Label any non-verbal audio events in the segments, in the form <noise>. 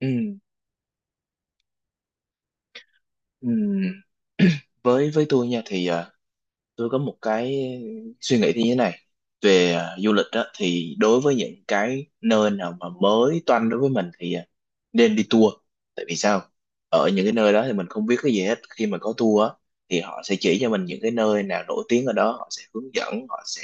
Ừ, ừ. Với tôi nha thì tôi có một cái suy nghĩ như thế này về du lịch đó, thì đối với những cái nơi nào mà mới toanh đối với mình thì nên đi tour. Tại vì sao? Ở những cái nơi đó thì mình không biết cái gì hết. Khi mà có tour á, thì họ sẽ chỉ cho mình những cái nơi nào nổi tiếng ở đó, họ sẽ hướng dẫn, họ sẽ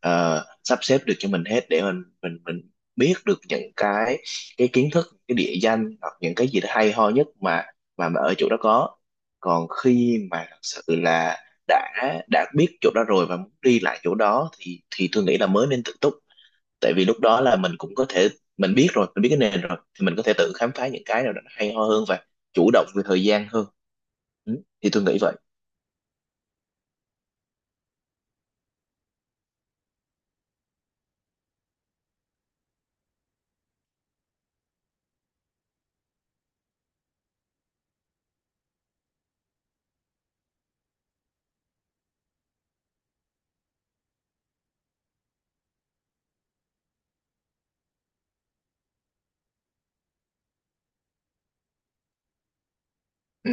sắp xếp được cho mình hết để mình biết được những cái kiến thức, cái địa danh, hoặc những cái gì đó hay ho nhất mà mà ở chỗ đó có. Còn khi mà thật sự là đã đã biết chỗ đó rồi và muốn đi lại chỗ đó thì tôi nghĩ là mới nên tự túc. Tại vì lúc đó là mình cũng có thể, mình biết rồi, mình biết cái nền rồi thì mình có thể tự khám phá những cái nào đó nó hay ho hơn và chủ động về thời gian hơn. Ừ, thì tôi nghĩ vậy. Ừ,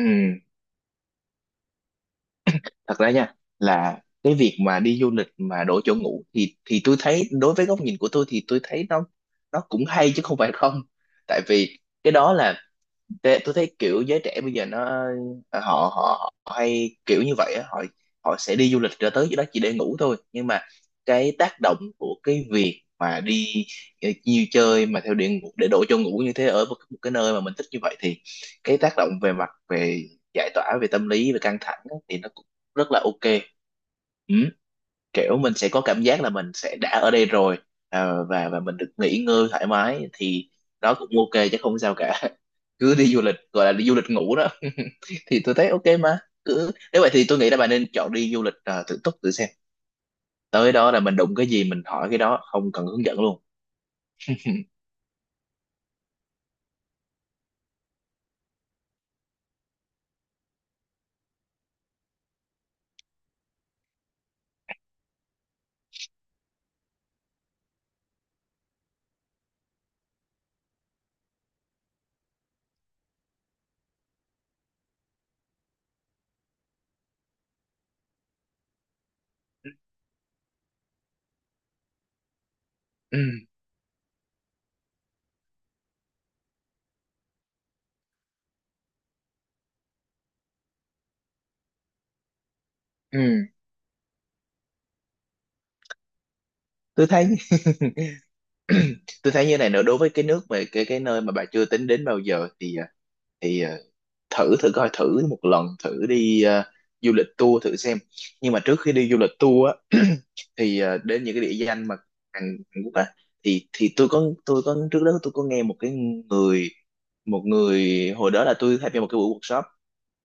thật ra nha, là cái việc mà đi du lịch mà đổi chỗ ngủ thì tôi thấy, đối với góc nhìn của tôi thì tôi thấy nó cũng hay chứ không phải không. Tại vì cái đó là, thế tôi thấy kiểu giới trẻ bây giờ nó ờ, họ họ, họ hay kiểu như vậy á, họ họ sẽ đi du lịch ra tới chỗ đó chỉ để ngủ thôi, nhưng mà cái tác động của cái việc mà đi nhiều chơi mà theo điện ngủ để đổ cho ngủ như thế ở một cái nơi mà mình thích như vậy thì cái tác động về mặt về giải tỏa về tâm lý, về căng thẳng á, thì nó cũng rất là ok. Ừ, kiểu mình sẽ có cảm giác là mình sẽ đã ở đây rồi, và mình được nghỉ ngơi thoải mái, thì đó cũng ok chứ không sao cả. <laughs> Cứ đi du lịch gọi là đi du lịch ngủ đó. <laughs> Thì tôi thấy ok mà. Cứ, nếu vậy thì tôi nghĩ là bạn nên chọn đi du lịch tự túc, tự xem. Tới đó là mình đụng cái gì mình hỏi cái đó, không cần hướng dẫn luôn. Ừ, ừ. Tôi thấy <clears throat> tôi thấy như này nữa, đối với cái nước về cái nơi mà bà chưa tính đến bao giờ thì thì ờ, thử thử coi, thử một lần, thử đi du lịch tour thử xem. Nhưng mà trước khi đi du lịch tour á, <clears throat> thì đến những cái địa danh mà Hàn Quốc á, thì tôi có trước đó tôi có nghe một cái người, một người, hồi đó là tôi tham gia một cái buổi workshop,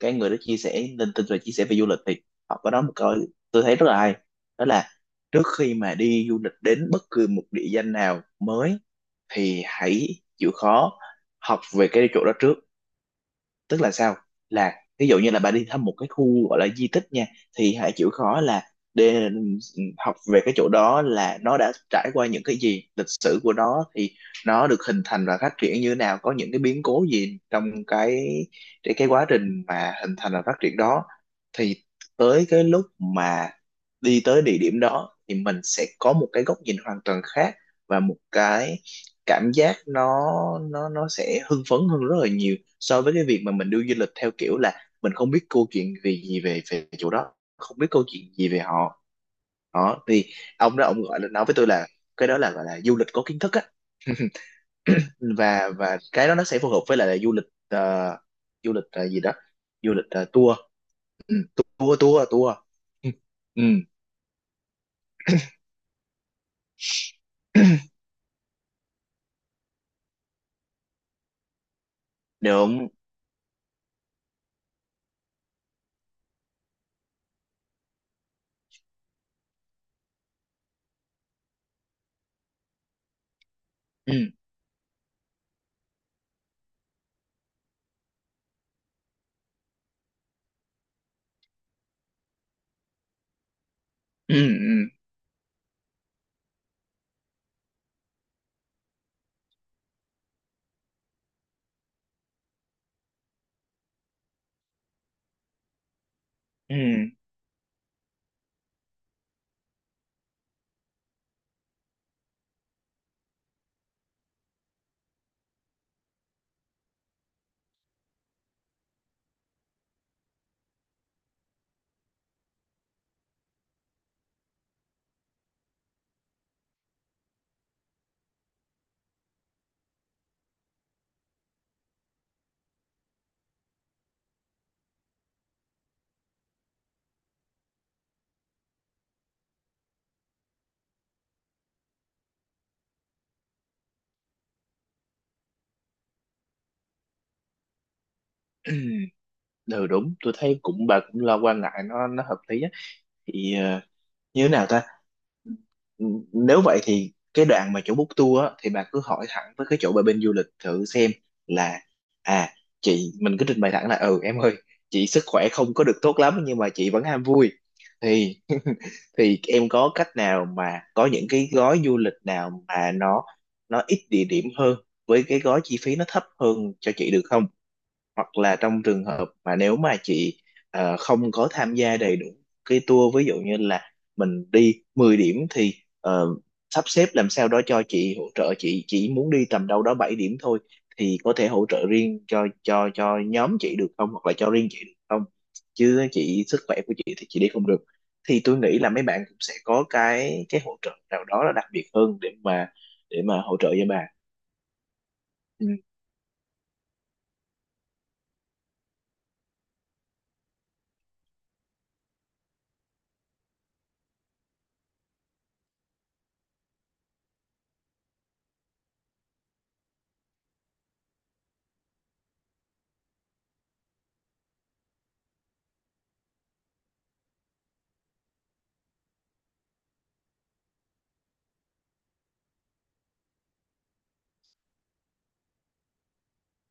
cái người đó chia sẻ lên tin và chia sẻ về du lịch thì họ có nói một câu tôi thấy rất là hay. Đó là, trước khi mà đi du lịch đến bất cứ một địa danh nào mới thì hãy chịu khó học về cái chỗ đó trước. Tức là sao? Là ví dụ như là bà đi thăm một cái khu gọi là di tích nha, thì hãy chịu khó là để học về cái chỗ đó, là nó đã trải qua những cái gì, lịch sử của nó thì nó được hình thành và phát triển như thế nào, có những cái biến cố gì trong cái cái quá trình mà hình thành và phát triển đó. Thì tới cái lúc mà đi tới địa điểm đó thì mình sẽ có một cái góc nhìn hoàn toàn khác và một cái cảm giác nó nó sẽ hưng phấn hơn rất là nhiều so với cái việc mà mình đi du lịch theo kiểu là mình không biết câu chuyện gì gì về về chỗ đó, không biết câu chuyện gì về họ. Đó thì ông đó ông gọi là nói với tôi là cái đó là gọi là du lịch có kiến thức á. <laughs> Và cái đó nó sẽ phù hợp với lại là du lịch ờ, gì đó du lịch ờ, tour. Ừ, tour tour tour ừ. <clears throat> Được. Ừ, ừ, ừ, ừ, ừ, đúng, tôi thấy cũng, bà cũng lo, quan ngại nó hợp lý á. Thì như thế nào ta? Ừ, nếu vậy thì cái đoạn mà chỗ book tour á thì bà cứ hỏi thẳng với cái chỗ bà bên du lịch thử xem là, à, chị mình cứ trình bày thẳng là, ừ em ơi, chị sức khỏe không có được tốt lắm nhưng mà chị vẫn ham vui, thì em có cách nào mà có những cái gói du lịch nào mà nó ít địa điểm hơn, với cái gói chi phí nó thấp hơn cho chị được không? Hoặc là trong trường hợp mà nếu mà chị không có tham gia đầy đủ cái tour, ví dụ như là mình đi 10 điểm thì ờ, sắp xếp làm sao đó cho chị, hỗ trợ chị chỉ muốn đi tầm đâu đó 7 điểm thôi, thì có thể hỗ trợ riêng cho cho nhóm chị được không, hoặc là cho riêng chị được không? Chứ chị, sức khỏe của chị thì chị đi không được. Thì tôi nghĩ là mấy bạn cũng sẽ có cái hỗ trợ nào đó là đặc biệt hơn để mà hỗ trợ cho bà. Ừ.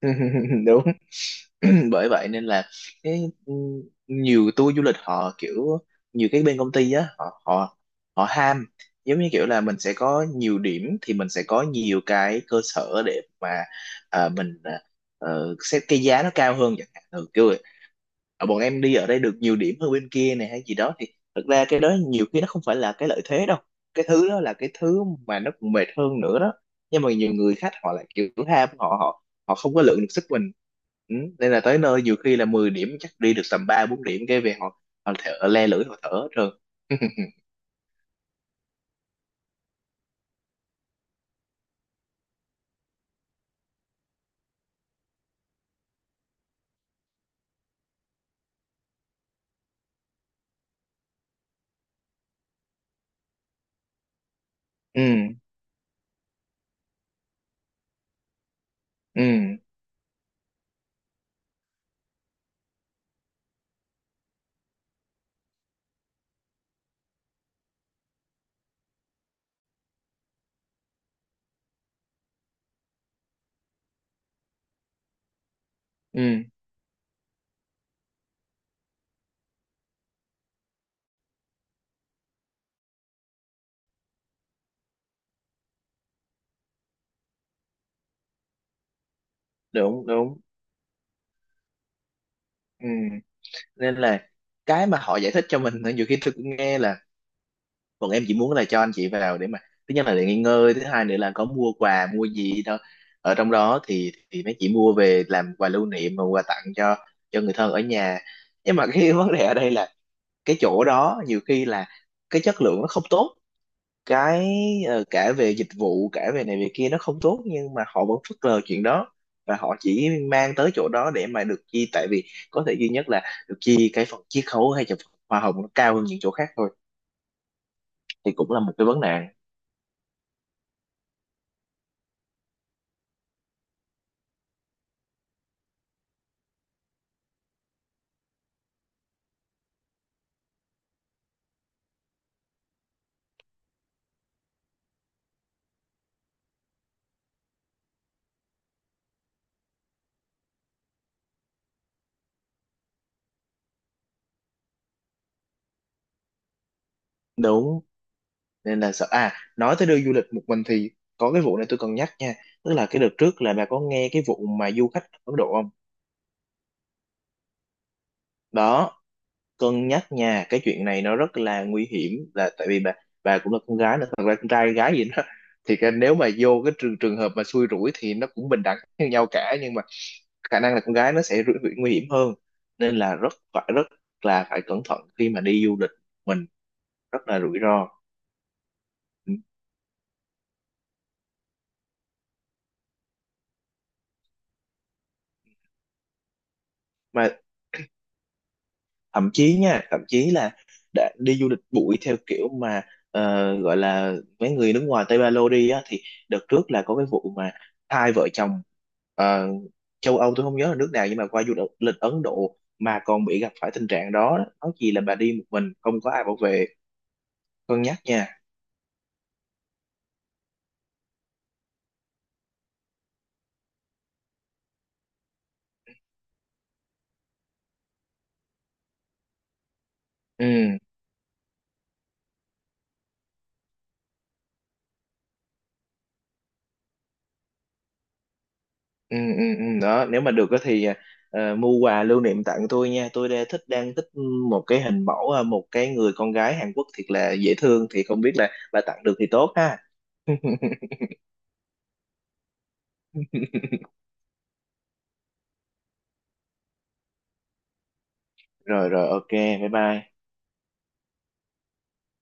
<laughs> Đúng. <clears throat> Bởi vậy nên là cái, ừ, nhiều tour du lịch họ kiểu, nhiều cái bên công ty á, họ họ họ ham, giống như kiểu là mình sẽ có nhiều điểm thì mình sẽ có nhiều cái cơ sở để mà à, mình à, xét cái giá nó cao hơn chẳng hạn. Ừ, kiểu, ờ, bọn em đi ở đây được nhiều điểm hơn bên kia này hay gì đó, thì thật ra cái đó nhiều khi nó không phải là cái lợi thế đâu, cái thứ đó là cái thứ mà nó còn mệt hơn nữa đó. Nhưng mà nhiều người khách họ lại kiểu ham, họ họ họ không có lượng được sức mình. Ừ, nên là tới nơi nhiều khi là 10 điểm chắc đi được tầm ba bốn điểm cái về họ họ thở le lưỡi, họ thở hết trơn. <laughs> Ừ, ừ, ừ, đúng, đúng. Ừ, nên là cái mà họ giải thích cho mình nhiều khi tôi cũng nghe là, còn em chỉ muốn là cho anh chị vào để mà, thứ nhất là để nghỉ ngơi, thứ hai nữa là có mua quà mua gì đó ở trong đó thì mấy chị mua về làm quà lưu niệm và quà tặng cho người thân ở nhà. Nhưng mà cái <laughs> vấn đề ở đây là cái chỗ đó nhiều khi là cái chất lượng nó không tốt, cái cả về dịch vụ, cả về này về kia nó không tốt, nhưng mà họ vẫn phớt lờ chuyện đó, và họ chỉ mang tới chỗ đó để mà được chi. Tại vì có thể duy nhất là được chi cái phần chiết khấu hay là phần hoa hồng nó cao hơn những chỗ khác thôi. Thì cũng là một cái vấn nạn. Đúng. Nên là sợ. À, nói tới đưa du lịch một mình thì có cái vụ này tôi cần nhắc nha, tức là cái đợt trước là bà có nghe cái vụ mà du khách Ấn Độ không? Đó, cân nhắc nha, cái chuyện này nó rất là nguy hiểm. Là tại vì bà cũng là con gái nữa, thật ra con trai gái gì đó <laughs> thì cái, nếu mà vô cái trường trường hợp mà xui rủi thì nó cũng bình đẳng như nhau cả, nhưng mà khả năng là con gái nó sẽ rủi, rủi, nguy hiểm hơn. Nên là rất phải, rất là phải cẩn thận khi mà đi du lịch. Mình rất là rủi ro. Ừ. Mà thậm chí nha, thậm chí là đã đi du lịch bụi theo kiểu mà gọi là mấy người nước ngoài Tây Ba Lô đi á, thì đợt trước là có cái vụ mà hai vợ chồng ờ, châu Âu, tôi không nhớ là nước nào, nhưng mà qua du lịch Ấn Độ mà còn bị gặp phải tình trạng đó. Nói chi là bà đi một mình không có ai bảo vệ. Cân nhắc nha. Ừ, ừ, ừ, ừ, đó nếu mà được á thì mua quà lưu niệm tặng tôi nha. Tôi đang thích một cái hình mẫu, một cái người con gái Hàn Quốc thiệt là dễ thương, thì không biết là bà tặng được thì tốt ha. <laughs> Rồi rồi, ok, bye bye.